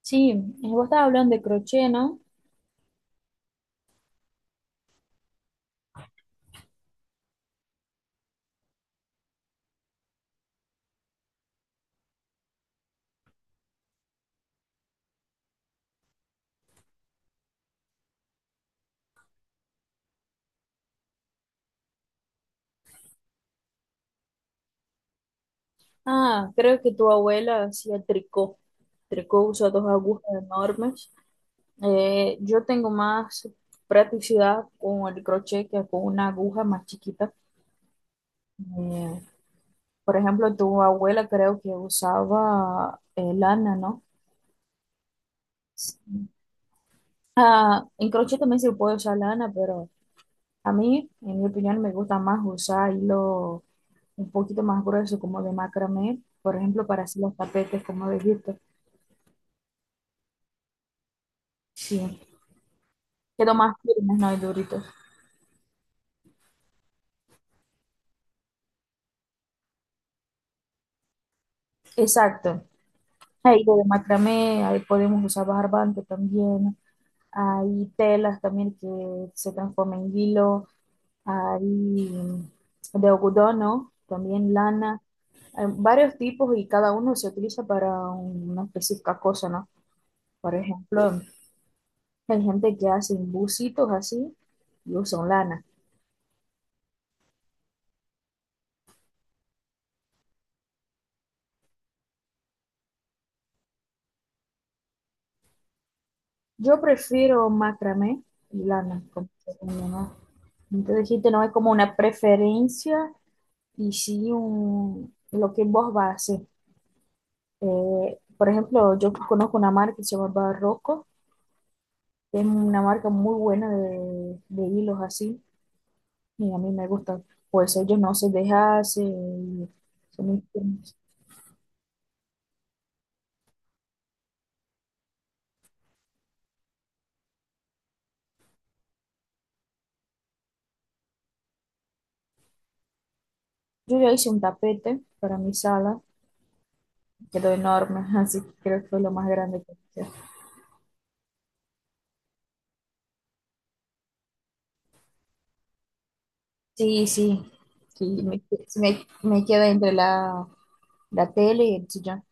Sí, vos estabas hablando de crochet, ¿no? Ah, creo que tu abuela hacía tricot. Tricot usa dos agujas enormes. Yo tengo más practicidad con el crochet que con una aguja más chiquita. Eh, por ejemplo, tu abuela creo que usaba lana, ¿no? Sí. Ah, en crochet también se puede usar lana, pero a mí, en mi opinión, me gusta más usar hilo un poquito más grueso, como de macramé, por ejemplo, para hacer los tapetes, como dijiste. Sí, quedó más firmes, no hay duritos. Exacto. Hay hilo de macramé, ahí podemos usar barbante también. Hay telas también que se transforman en hilo. Hay de algodón, ¿no? También lana. Hay varios tipos y cada uno se utiliza para una específica cosa, ¿no? Por ejemplo. Hay gente que hace busitos así y usan lana. Yo prefiero macramé y lana. Como que no, no. Entonces dijiste, no es como una preferencia y sí un, lo que vos vas a hacer. Por ejemplo, yo conozco una marca que se llama barroco, que es una marca muy buena de hilos así y a mí me gustan. Pues ellos no se dejan, se, se me- yo ya hice un tapete para mi sala, quedó enorme, así que creo que fue lo más grande que hice. Sí, sí, sí, me quedo entre la, la tele y el sillón.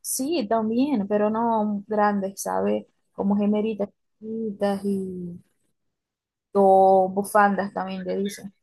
Sí, también, pero no grandes, ¿sabes? Como gemeritas chiquitas y o bufandas también le dicen.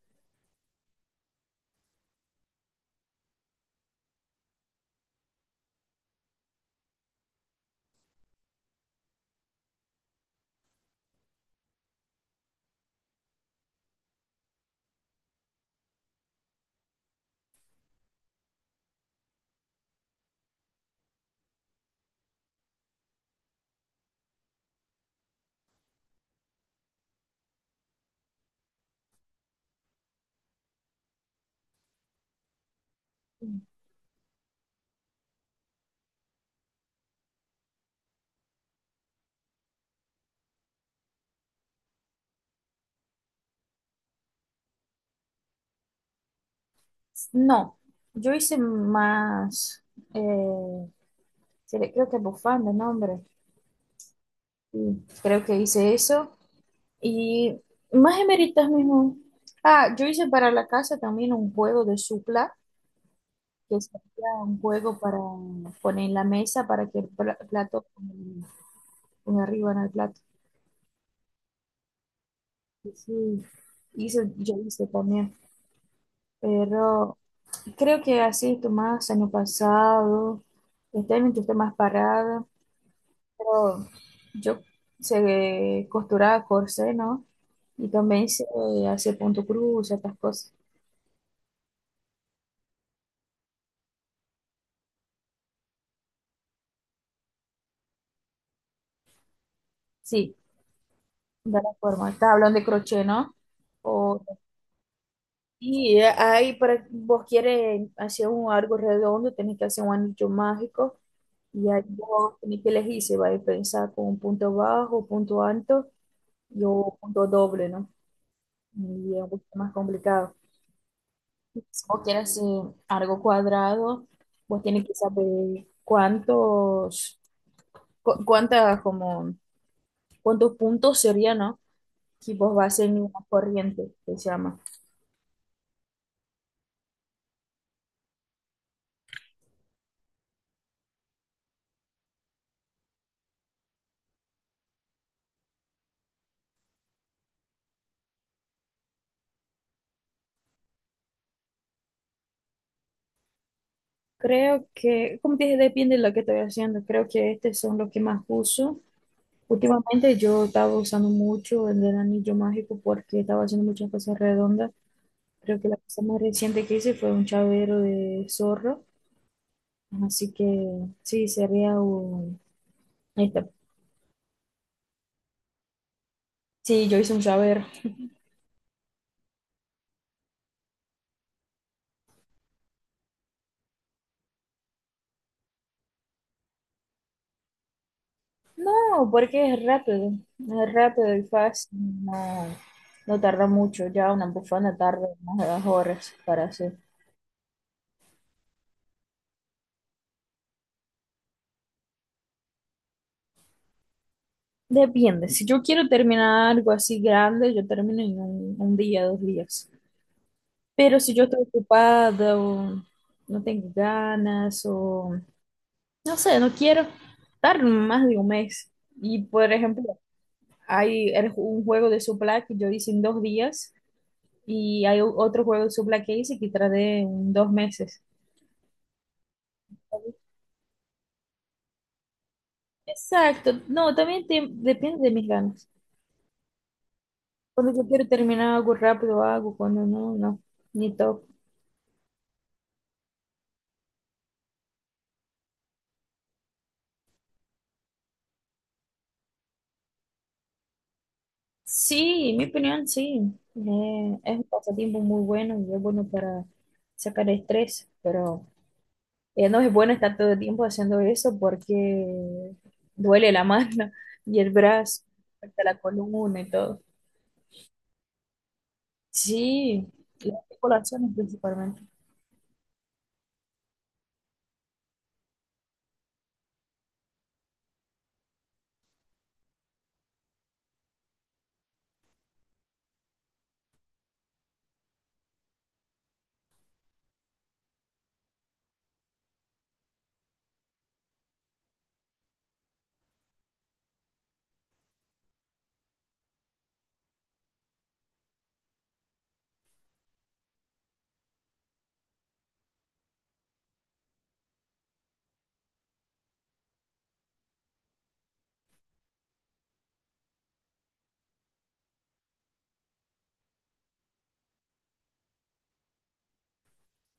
No, yo hice más, eh, creo que bufandas, no, hombre. Sí, creo que hice eso y más gemeritas mismo. Ah, yo hice para la casa también un juego de supla, que sería un juego para poner en la mesa para que el plato ponga, ponga arriba en el plato. Y sí, yo hice también, pero creo que así estoy más año pasado, este año yo estoy más parada, pero yo sé costurar corsé, ¿no? Y también sé hacer punto cruz, estas cosas. Sí, de la forma. Estás hablando de crochet, ¿no? O... Y ahí para vos quieres hacer un algo redondo, tenés que hacer un anillo mágico y ahí vos tenés que elegir si vais a pensar con un punto bajo, punto alto y o punto doble, ¿no? Y es un poquito más complicado. Si vos quieres hacer algo cuadrado, vos tenés que saber cuántos, cuántas, como, cuántos puntos sería, ¿no? Si vos vas a hacer una corriente, que se llama. Creo que, como te dije, depende de lo que estoy haciendo. Creo que estos son los que más uso. Últimamente yo estaba usando mucho el del anillo mágico porque estaba haciendo muchas cosas redondas. Creo que la cosa más reciente que hice fue un chavero de zorro. Así que sí, sería un... Ahí está. Sí, yo hice un chavero. No, porque es rápido. Es rápido y fácil. No, no tarda mucho. Ya una bufanda tarda unas horas para hacer. Depende, si yo quiero terminar algo así grande, yo termino en un día, dos días. Pero si yo estoy ocupada o no tengo ganas o no sé, no quiero estar más de un mes. Y por ejemplo, hay un juego de Supla que yo hice en dos días y hay otro juego de Supla que hice que tardé en dos meses. Exacto, no, también depende de mis ganas. Cuando yo quiero terminar algo rápido, hago, cuando no, no, ni toco. Sí, en mi opinión, sí. Es un pasatiempo muy bueno y es bueno para sacar estrés, pero no es bueno estar todo el tiempo haciendo eso porque duele la mano y el brazo, hasta la columna y todo. Sí, las articulaciones principalmente.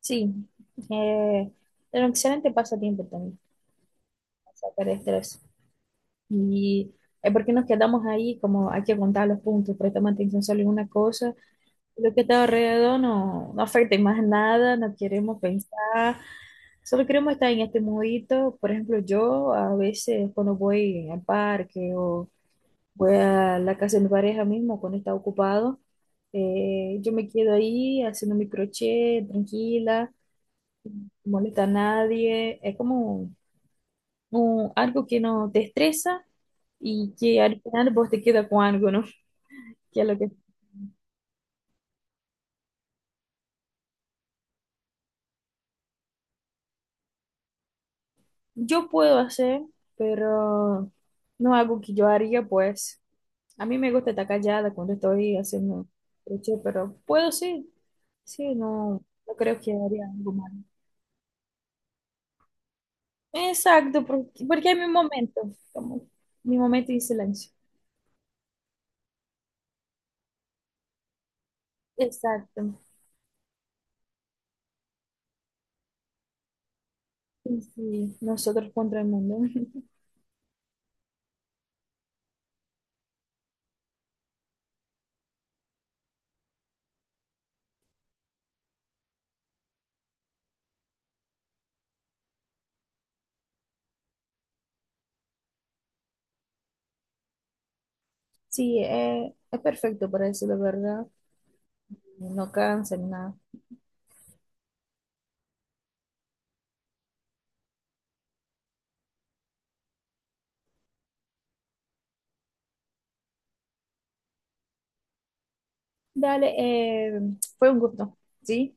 Sí, eh, es un excelente pasatiempo también para sacar estrés. Y es porque nos quedamos ahí, como hay que contar los puntos, prestamos atención solo en una cosa. Lo que está alrededor no, no afecta en más nada, no queremos pensar, solo queremos estar en este mundito. Por ejemplo, yo a veces cuando voy al parque o voy a la casa de mi pareja mismo cuando está ocupado, yo me quedo ahí haciendo mi crochet, tranquila, no molesta a nadie. Es como algo que no te estresa y que al final vos te quedas con algo, ¿no? Que es lo que... Yo puedo hacer, pero no algo que yo haría, pues. A mí me gusta estar callada cuando estoy haciendo crochet, pero puedo sí. Sí, no, no creo que haría algo malo. Exacto, porque, porque hay mi momento, como mi momento de silencio. Exacto. Sí, sí, nosotros contra el mundo. Sí, es perfecto para eso, la verdad. No cansa ni nada. Dale, fue un gusto. ¿Sí?